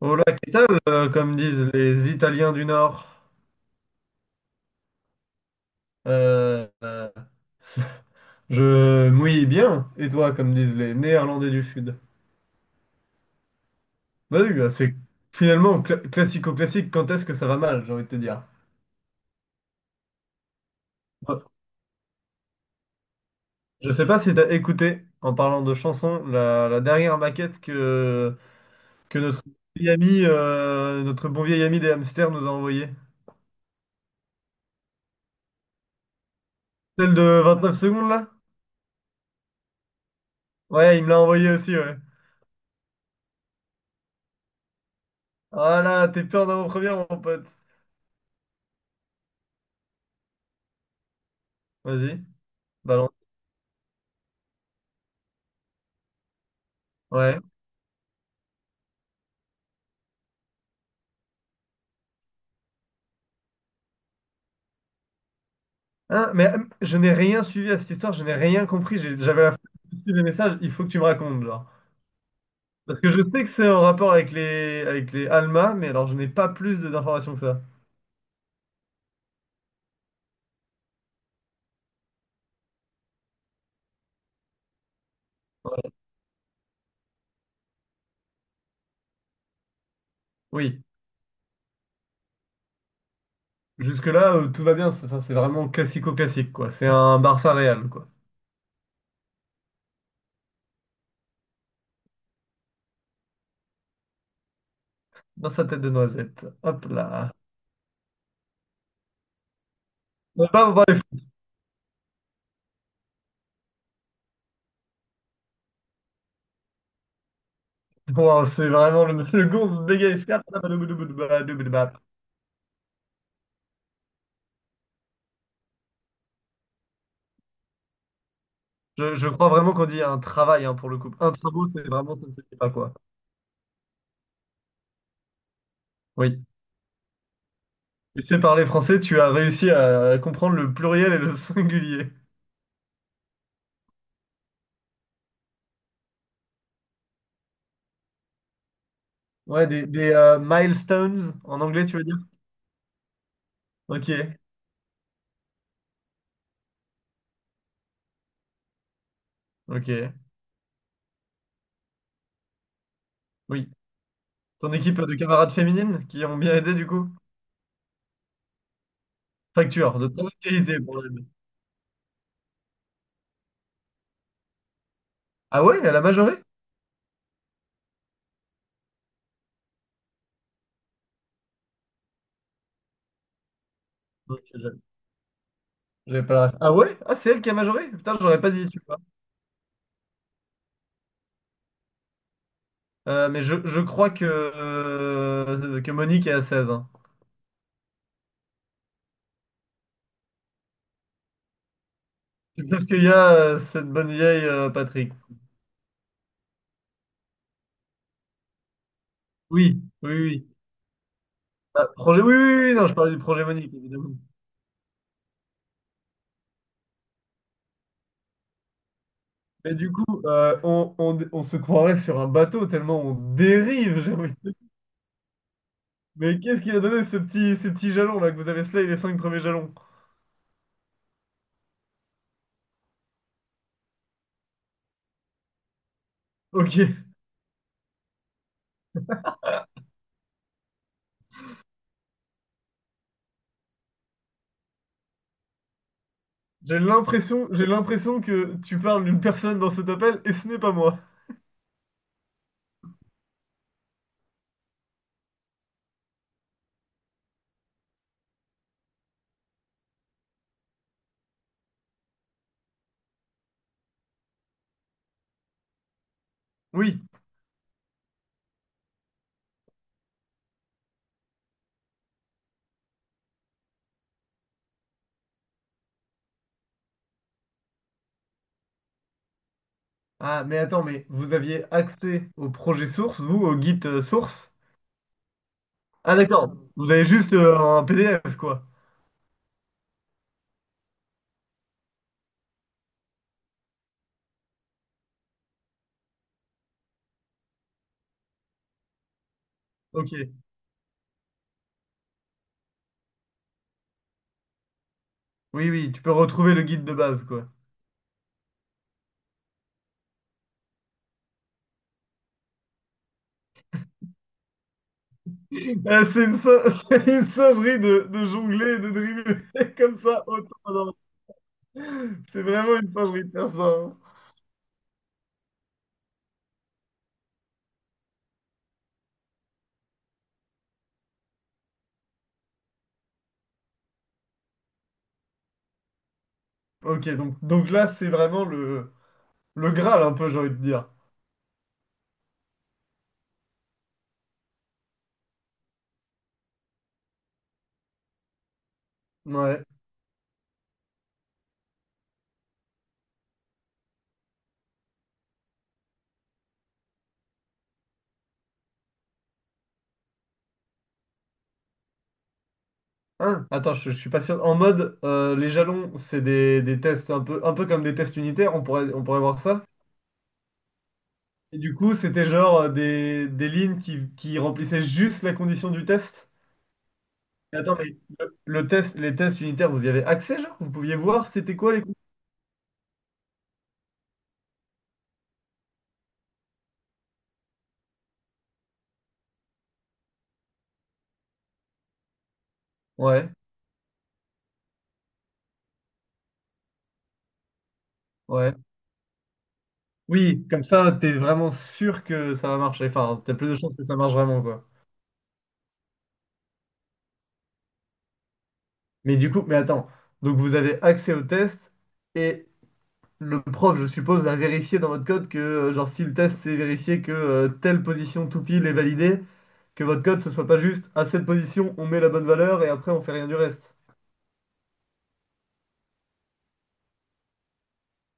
Hola, ¿qué tal? Comme disent les Italiens du Nord. Euh, euh, je mouille bien. Et toi, comme disent les Néerlandais du Sud. Bah oui, bah c'est finalement classico-classique. Quand est-ce que ça va mal, j'ai envie de te dire. Bah, je sais pas si t'as écouté, en parlant de chansons, la dernière maquette que notre vieil ami, notre bon vieil ami des hamsters nous a envoyée. Celle de 29 secondes, là? Ouais, il me l'a envoyée aussi, ouais. Voilà, t'es peur d'avant-première, mon pote. Vas-y. Balance. Ouais. Hein, mais je n'ai rien suivi à cette histoire, je n'ai rien compris. J'avais la flemme de suivre les messages, il faut que tu me racontes, genre. Parce que je sais que c'est en rapport avec les Alma, mais alors je n'ai pas plus d'informations que ça. Ouais. Oui, jusque-là, tout va bien. C'est enfin, c'est vraiment classico-classique, quoi. C'est un Barça Real, quoi. Dans sa tête de noisette. Hop là. On va pas parler foot. Wow, c'est vraiment le gonze bégaye escarpe. Je crois vraiment qu'on dit un travail, hein, pour le coup. Un travail, c'est vraiment ça ne se fait pas, quoi. Oui. Tu sais parler français, tu as réussi à comprendre le pluriel et le singulier. Ouais, des milestones en anglais, tu veux dire? Ok, ok, oui. Ton équipe de camarades féminines qui ont bien aidé du coup? Facture, de très bonne qualité Ah ouais, elle a majoré? Ok, j'avais pas ref. Ah ouais? Ah, c'est elle qui a majoré? Putain, j'aurais pas dit, tu vois. Mais je crois que Monique est à 16, hein. C'est parce qu'il y a cette bonne vieille Patrick. Oui, oui, oui. Ah, projet, oui, oui, oui, non, je parlais du projet Monique, évidemment. Mais du coup, on se croirait sur un bateau tellement on dérive, j'ai envie de dire. Mais qu'est-ce qu'il a donné ces petits jalons là que vous avez slay les cinq premiers jalons? Ok. J'ai l'impression que tu parles d'une personne dans cet appel et ce n'est pas moi. Oui. Ah, mais attends, mais vous aviez accès au projet source, vous, au guide source? Ah d'accord. Vous avez juste un PDF, quoi. Ok. Oui, oui, tu peux retrouver le guide de base, quoi. C'est une singerie de jongler et de dribbler comme ça autant. Non, c'est vraiment une singerie de faire ça, hein. Ok, donc là, c'est vraiment le Graal, un peu, j'ai envie de dire. Ouais. Hein, attends, je suis pas sûr. En mode, les jalons, c'est des tests un peu comme des tests unitaires, on pourrait voir ça. Et du coup, c'était genre des lignes qui remplissaient juste la condition du test. Mais attends, mais le test, les tests unitaires, vous y avez accès, genre? Vous pouviez voir c'était quoi les. Ouais, ouais. Oui, comme ça, t'es vraiment sûr que ça va marcher. Enfin, t'as plus de chances que ça marche vraiment, quoi. Mais du coup, mais attends. Donc, vous avez accès au test et le prof, je suppose, a vérifié dans votre code que, genre, si le test s'est vérifié que telle position tout pile est validée, que votre code ce soit pas juste à cette position, on met la bonne valeur et après on fait rien du reste.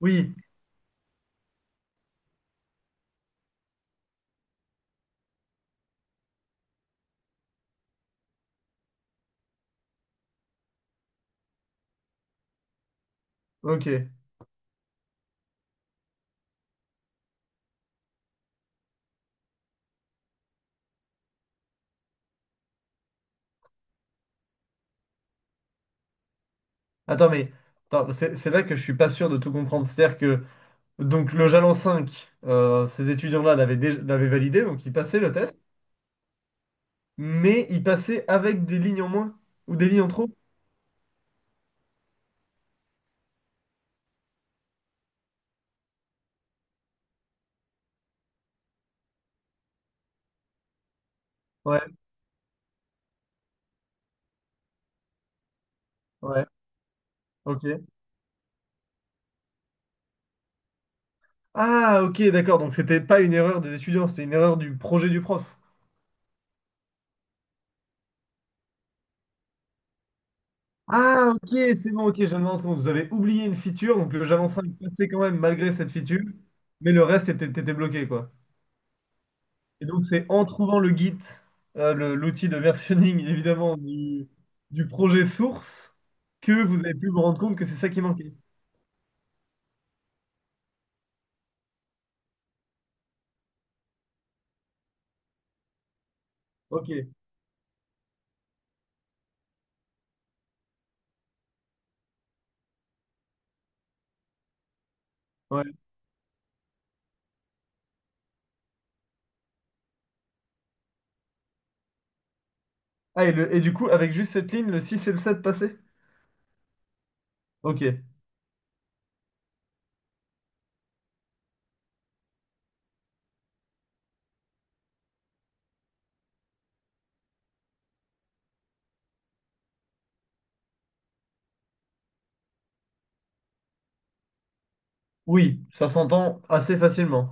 Oui, ok. Attends, mais attends, c'est là que je suis pas sûr de tout comprendre. C'est-à-dire que donc le jalon 5, ces étudiants-là l'avaient validé, donc ils passaient le test. Mais il passait avec des lignes en moins ou des lignes en trop? Ouais, ouais, ok. Ah, ok, d'accord. Donc c'était pas une erreur des étudiants, c'était une erreur du projet du prof. Ah, ok, c'est bon, ok, je viens de me rends compte. Vous avez oublié une feature, donc le Java 5 passait quand même malgré cette feature, mais le reste était bloqué, quoi. Et donc c'est en trouvant le Git, l'outil de versionning, évidemment, du projet source, que vous avez pu vous rendre compte que c'est ça qui manquait. Ok, ouais. Ah, et, et du coup, avec juste cette ligne, le 6 et le 7 passaient? Ok. Oui, ça s'entend assez facilement.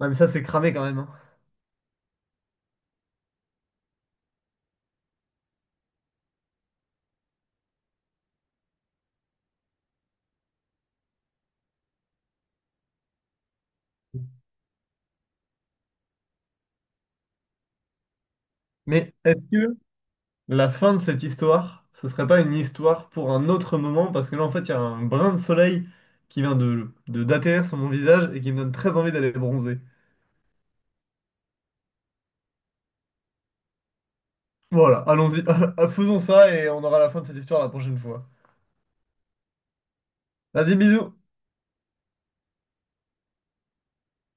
Ah, mais ça, c'est cramé quand même, hein. Mais est-ce que la fin de cette histoire, ce serait pas une histoire pour un autre moment? Parce que là, en fait, il y a un brin de soleil qui vient d'atterrir sur mon visage et qui me donne très envie d'aller bronzer. Voilà, allons-y. Faisons ça et on aura la fin de cette histoire la prochaine fois. Vas-y, bisous.